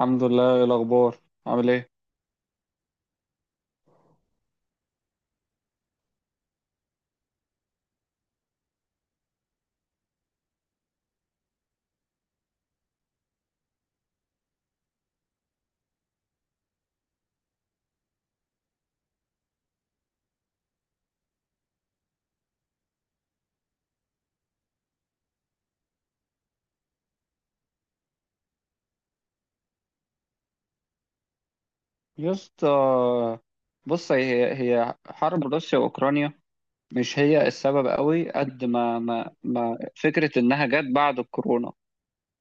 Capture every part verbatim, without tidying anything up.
الحمد لله، إيه الأخبار؟ عامل إيه؟ يا اسطى، بص هي هي حرب روسيا وأوكرانيا، مش هي السبب قوي قد ما ما ما فكرة إنها جت بعد الكورونا.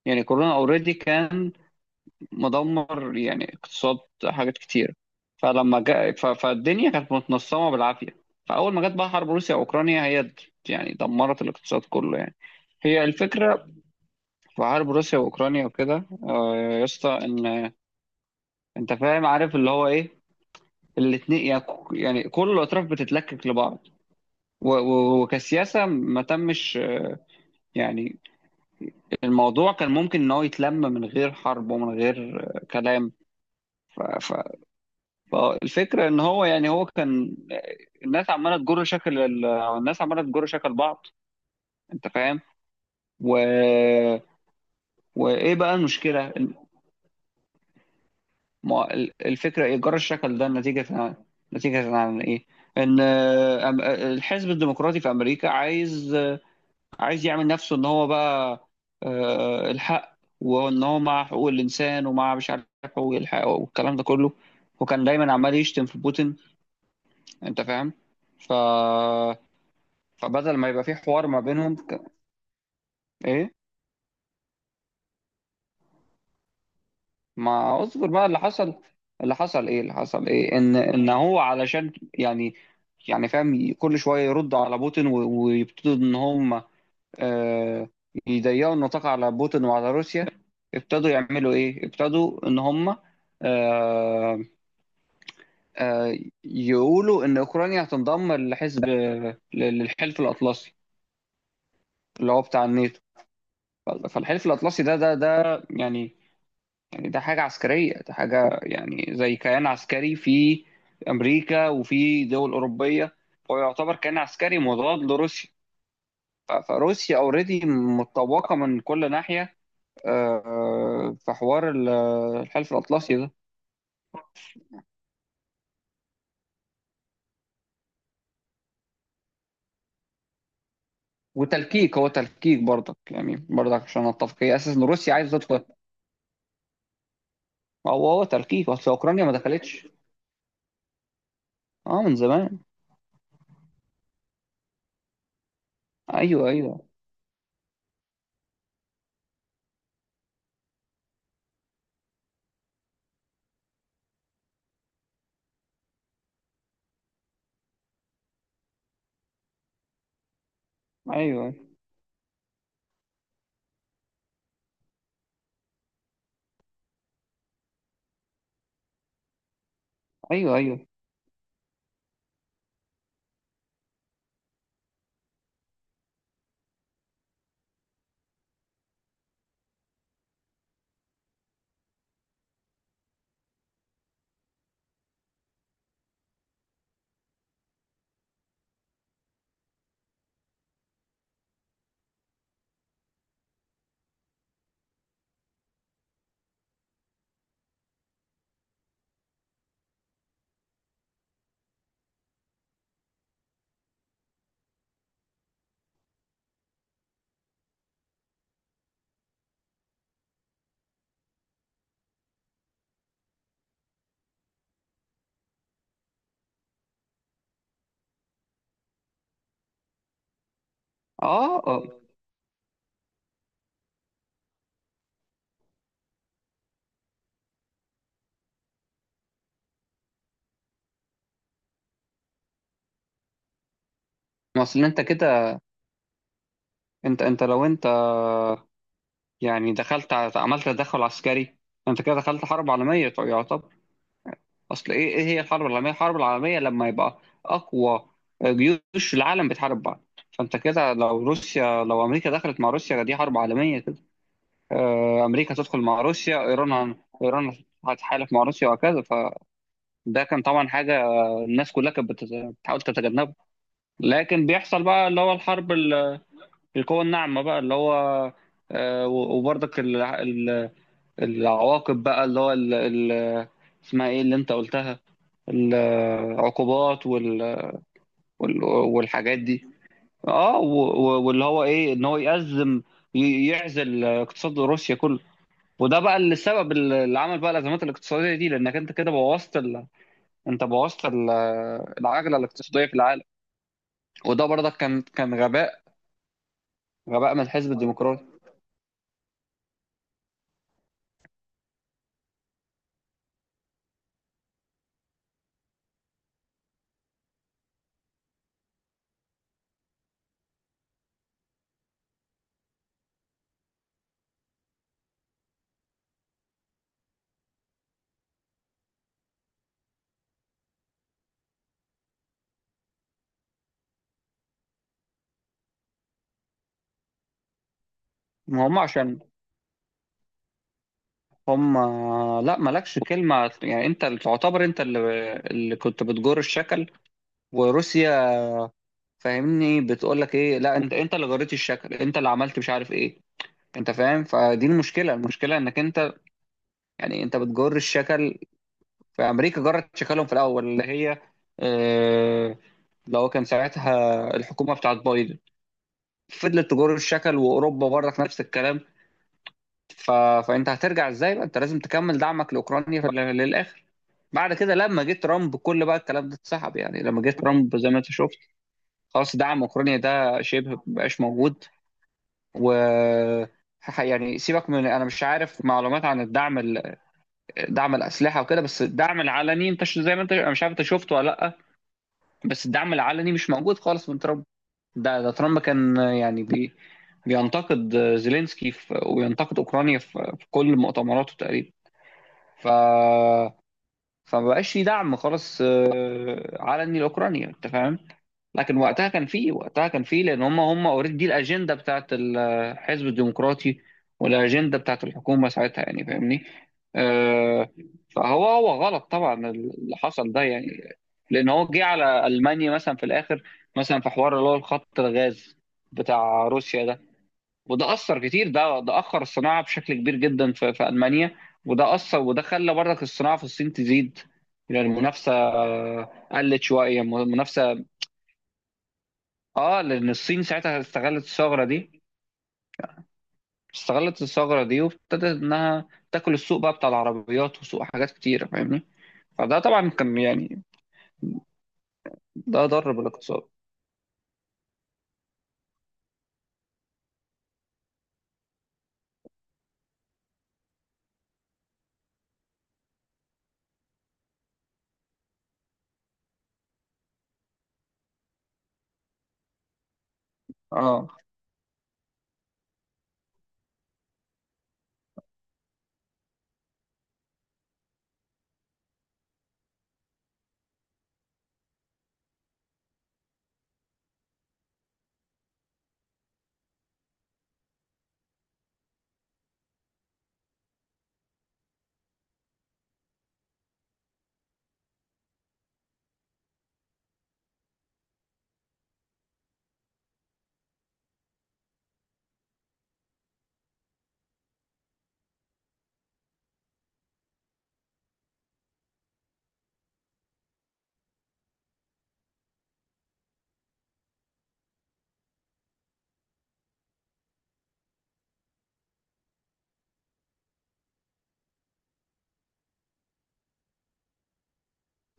يعني كورونا أوريدي كان مدمر، يعني اقتصاد حاجات كتير. فلما جاء، ف- فالدنيا كانت متنصمة بالعافية. فأول ما جت بقى حرب روسيا وأوكرانيا، هي د- يعني دمرت الاقتصاد كله يعني. هي الفكرة في حرب روسيا وأوكرانيا وكده، آه، يا اسطى، إن انت فاهم عارف اللي هو ايه الاثنين يعني. يعني كل الاطراف بتتلكك لبعض، و- و- وكسياسه ما تمش يعني. الموضوع كان ممكن ان هو يتلم من غير حرب ومن غير كلام. ف- ف- فالفكره ان هو يعني هو كان. الناس عماله تجر شكل ال- الناس عماله تجر شكل بعض، انت فاهم. و... وايه بقى المشكله؟ الم- ما- ال- الفكره ايه جر الشكل ده؟ نتيجه عن... نتيجه عن ايه؟ ان آه، أم- الحزب الديمقراطي في امريكا عايز عايز يعمل نفسه ان هو بقى، آه، الحق، وان هو مع حقوق الانسان ومع مش عارف حقوق الحق والكلام ده كله. وكان دايما عمال يشتم في بوتين، انت فاهم. ف فبدل ما يبقى في حوار ما بينهم ك... ايه. ما اصبر بقى اللي حصل، اللي حصل ايه اللي حصل ايه؟ ان ان هو علشان يعني. يعني فاهم، كل شويه يرد على بوتين و- ويبتدوا ان هم، آه، يضيقوا النطاق على بوتين وعلى روسيا. ابتدوا يعملوا ايه؟ ابتدوا ان هم، آه، آه، يقولوا ان اوكرانيا هتنضم لحزب، للحلف الاطلسي، اللي هو بتاع الناتو. فالحلف الاطلسي ده، ده ده يعني يعني ده حاجه عسكريه، ده حاجه يعني زي كيان عسكري في امريكا وفي دول اوروبيه. هو يعتبر كيان عسكري مضاد لروسيا. ف- فروسيا اوريدي متطوقه من كل ناحيه. آه، في حوار ال- الحلف الأطلسي ده. وتلكيك، هو تلكيك برضك، يعني برضك عشان اتفق هي اساس ان روسيا عايز تدخل. ما هو هو تلكيك، اصل اوكرانيا ما دخلتش. اه، من زمان. ايوه، ايوه، ايوه، ايوه، ايوه. اه. آه. ما اصل انت كده. انت انت لو انت يعني دخلت، ع- عملت تدخل عسكري، انت كده دخلت حرب عالميه يعتبر. اصل، ايه ايه هي الحرب العالميه؟ الحرب العالميه لما يبقى اقوى جيوش العالم بتحارب بعض. فانت كده، لو روسيا، لو امريكا دخلت مع روسيا، دي حرب عالميه كده. آه، امريكا تدخل مع روسيا، ايران هن- ايران هتحالف مع روسيا وهكذا. فده كان طبعا حاجه الناس كلها كانت بتت- بتحاول تتجنبه. لكن بيحصل بقى اللي هو الحرب ال- القوى الناعمه بقى اللي هو، آه، و- وبرضك ال- ال- العواقب بقى اللي هو ال- ال- اسمها ايه اللي انت قلتها؟ العقوبات وال وال- والحاجات دي. اه، و- و- واللي هو ايه ان هو يأزم، ي- يعزل اقتصاد روسيا كله. وده بقى اللي السبب اللي عمل بقى الازمات الاقتصاديه دي، لانك انت كده بوظت ال... انت بوظت ال... العجله الاقتصاديه في العالم. وده برضك كان كان غباء، غباء من الحزب الديمقراطي. ما هم عشان هم. لا، مالكش كلمه يعني. انت اللي تعتبر، انت اللي, اللي كنت بتجر الشكل وروسيا. فاهمني؟ بتقول لك ايه؟ لا، انت انت اللي جريت الشكل، انت اللي عملت مش عارف ايه. انت فاهم؟ فدي المشكله، المشكله انك انت، يعني انت بتجر الشكل. في امريكا جرت شكلهم في الاول، اللي هي آه، اللي هو كان ساعتها الحكومه بتاعت بايدن، فضلت تجر الشكل، واوروبا برضك نفس الكلام. ف... فانت هترجع ازاي بقى؟ انت لازم تكمل دعمك لاوكرانيا في- للاخر. بعد كده لما جه ترامب كل بقى الكلام ده اتسحب، يعني لما جه ترامب زي ما انت شفت، خلاص دعم اوكرانيا ده شبه مبقاش موجود. و ح- يعني سيبك من انا مش عارف معلومات عن الدعم، دعم الاسلحه وكده، بس الدعم العلني انت ش- زي ما انت، انا مش عارف انت شفته ولا لا. بس الدعم العلني مش موجود خالص من ترامب. ده ده ترامب كان يعني بي بينتقد زيلينسكي في، وينتقد اوكرانيا في في كل مؤتمراته تقريبا. ف فمبقاش في دعم خالص آه، علني لاوكرانيا، انت فاهم. لكن وقتها كان فيه، وقتها كان فيه لان هم هم اوريدي دي الاجنده بتاعت الحزب الديمقراطي والاجنده بتاعت الحكومه ساعتها، يعني فاهمني. آه، فهو هو غلط طبعا اللي حصل ده يعني، لان هو جه على المانيا مثلا في الاخر، مثلا في حوار اللي هو الخط الغاز بتاع روسيا ده. وده اثر كتير، ده ده اخر الصناعه بشكل كبير جدا في, في المانيا. وده اثر، وده خلى برضك الصناعه في الصين تزيد، يعني المنافسه آه، قلت شويه المنافسه. اه، لان الصين ساعتها استغلت الثغره دي استغلت الثغره دي وابتدت انها تاكل السوق بقى بتاع العربيات وسوق حاجات كتيره، فاهمني. فده طبعا كان يعني، ده ضر بالاقتصاد. اه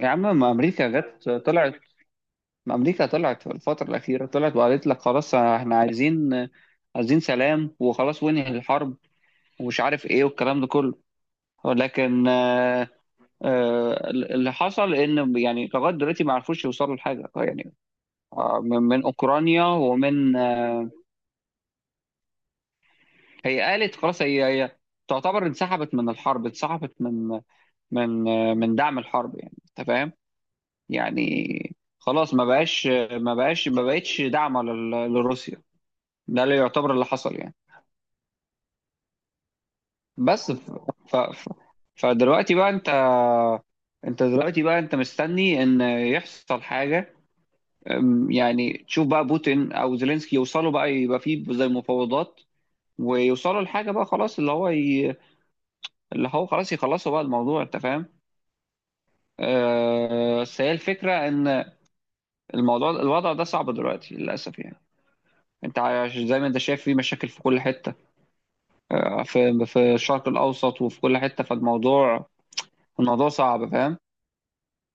يا عم، ما امريكا جت طلعت ما امريكا طلعت في الفتره الاخيره، طلعت وقالت لك خلاص احنا عايزين عايزين سلام وخلاص وانهي الحرب ومش عارف ايه والكلام ده كله. ولكن آه، آه، اللي حصل ان يعني لغايه دلوقتي ما عرفوش يوصلوا لحاجه يعني، آه، من من اوكرانيا ومن، آه، هي قالت خلاص، هي هي تعتبر انسحبت من الحرب، انسحبت من من آه، من دعم الحرب، يعني انت فاهم. يعني خلاص، ما بقاش ما بقاش ما بقتش دعم لل- لروسيا. ده اللي يعتبر اللي حصل يعني. بس، ف... ف... ف... فدلوقتي بقى انت انت دلوقتي بقى انت مستني ان يحصل حاجه. أم، يعني تشوف بقى بوتين او زيلينسكي يوصلوا بقى يبقى فيه زي مفاوضات، ويوصلوا لحاجه بقى خلاص، اللي هو ي... اللي هو خلاص يخلصوا بقى الموضوع، انت فاهم. أه، بس هي الفكره ان الموضوع، الوضع ده صعب دلوقتي للاسف يعني. انت عايش- زي ما انت شايف في مشاكل في كل حته، أه، في في الشرق الاوسط وفي كل حته. فالموضوع الموضوع صعب، فاهم.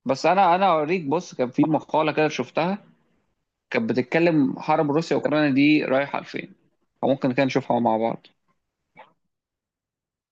بس انا انا اوريك، بص كان في مقاله كده شفتها، كانت بتتكلم حرب روسيا واوكرانيا دي رايحه لفين، فممكن كده نشوفها مع بعض.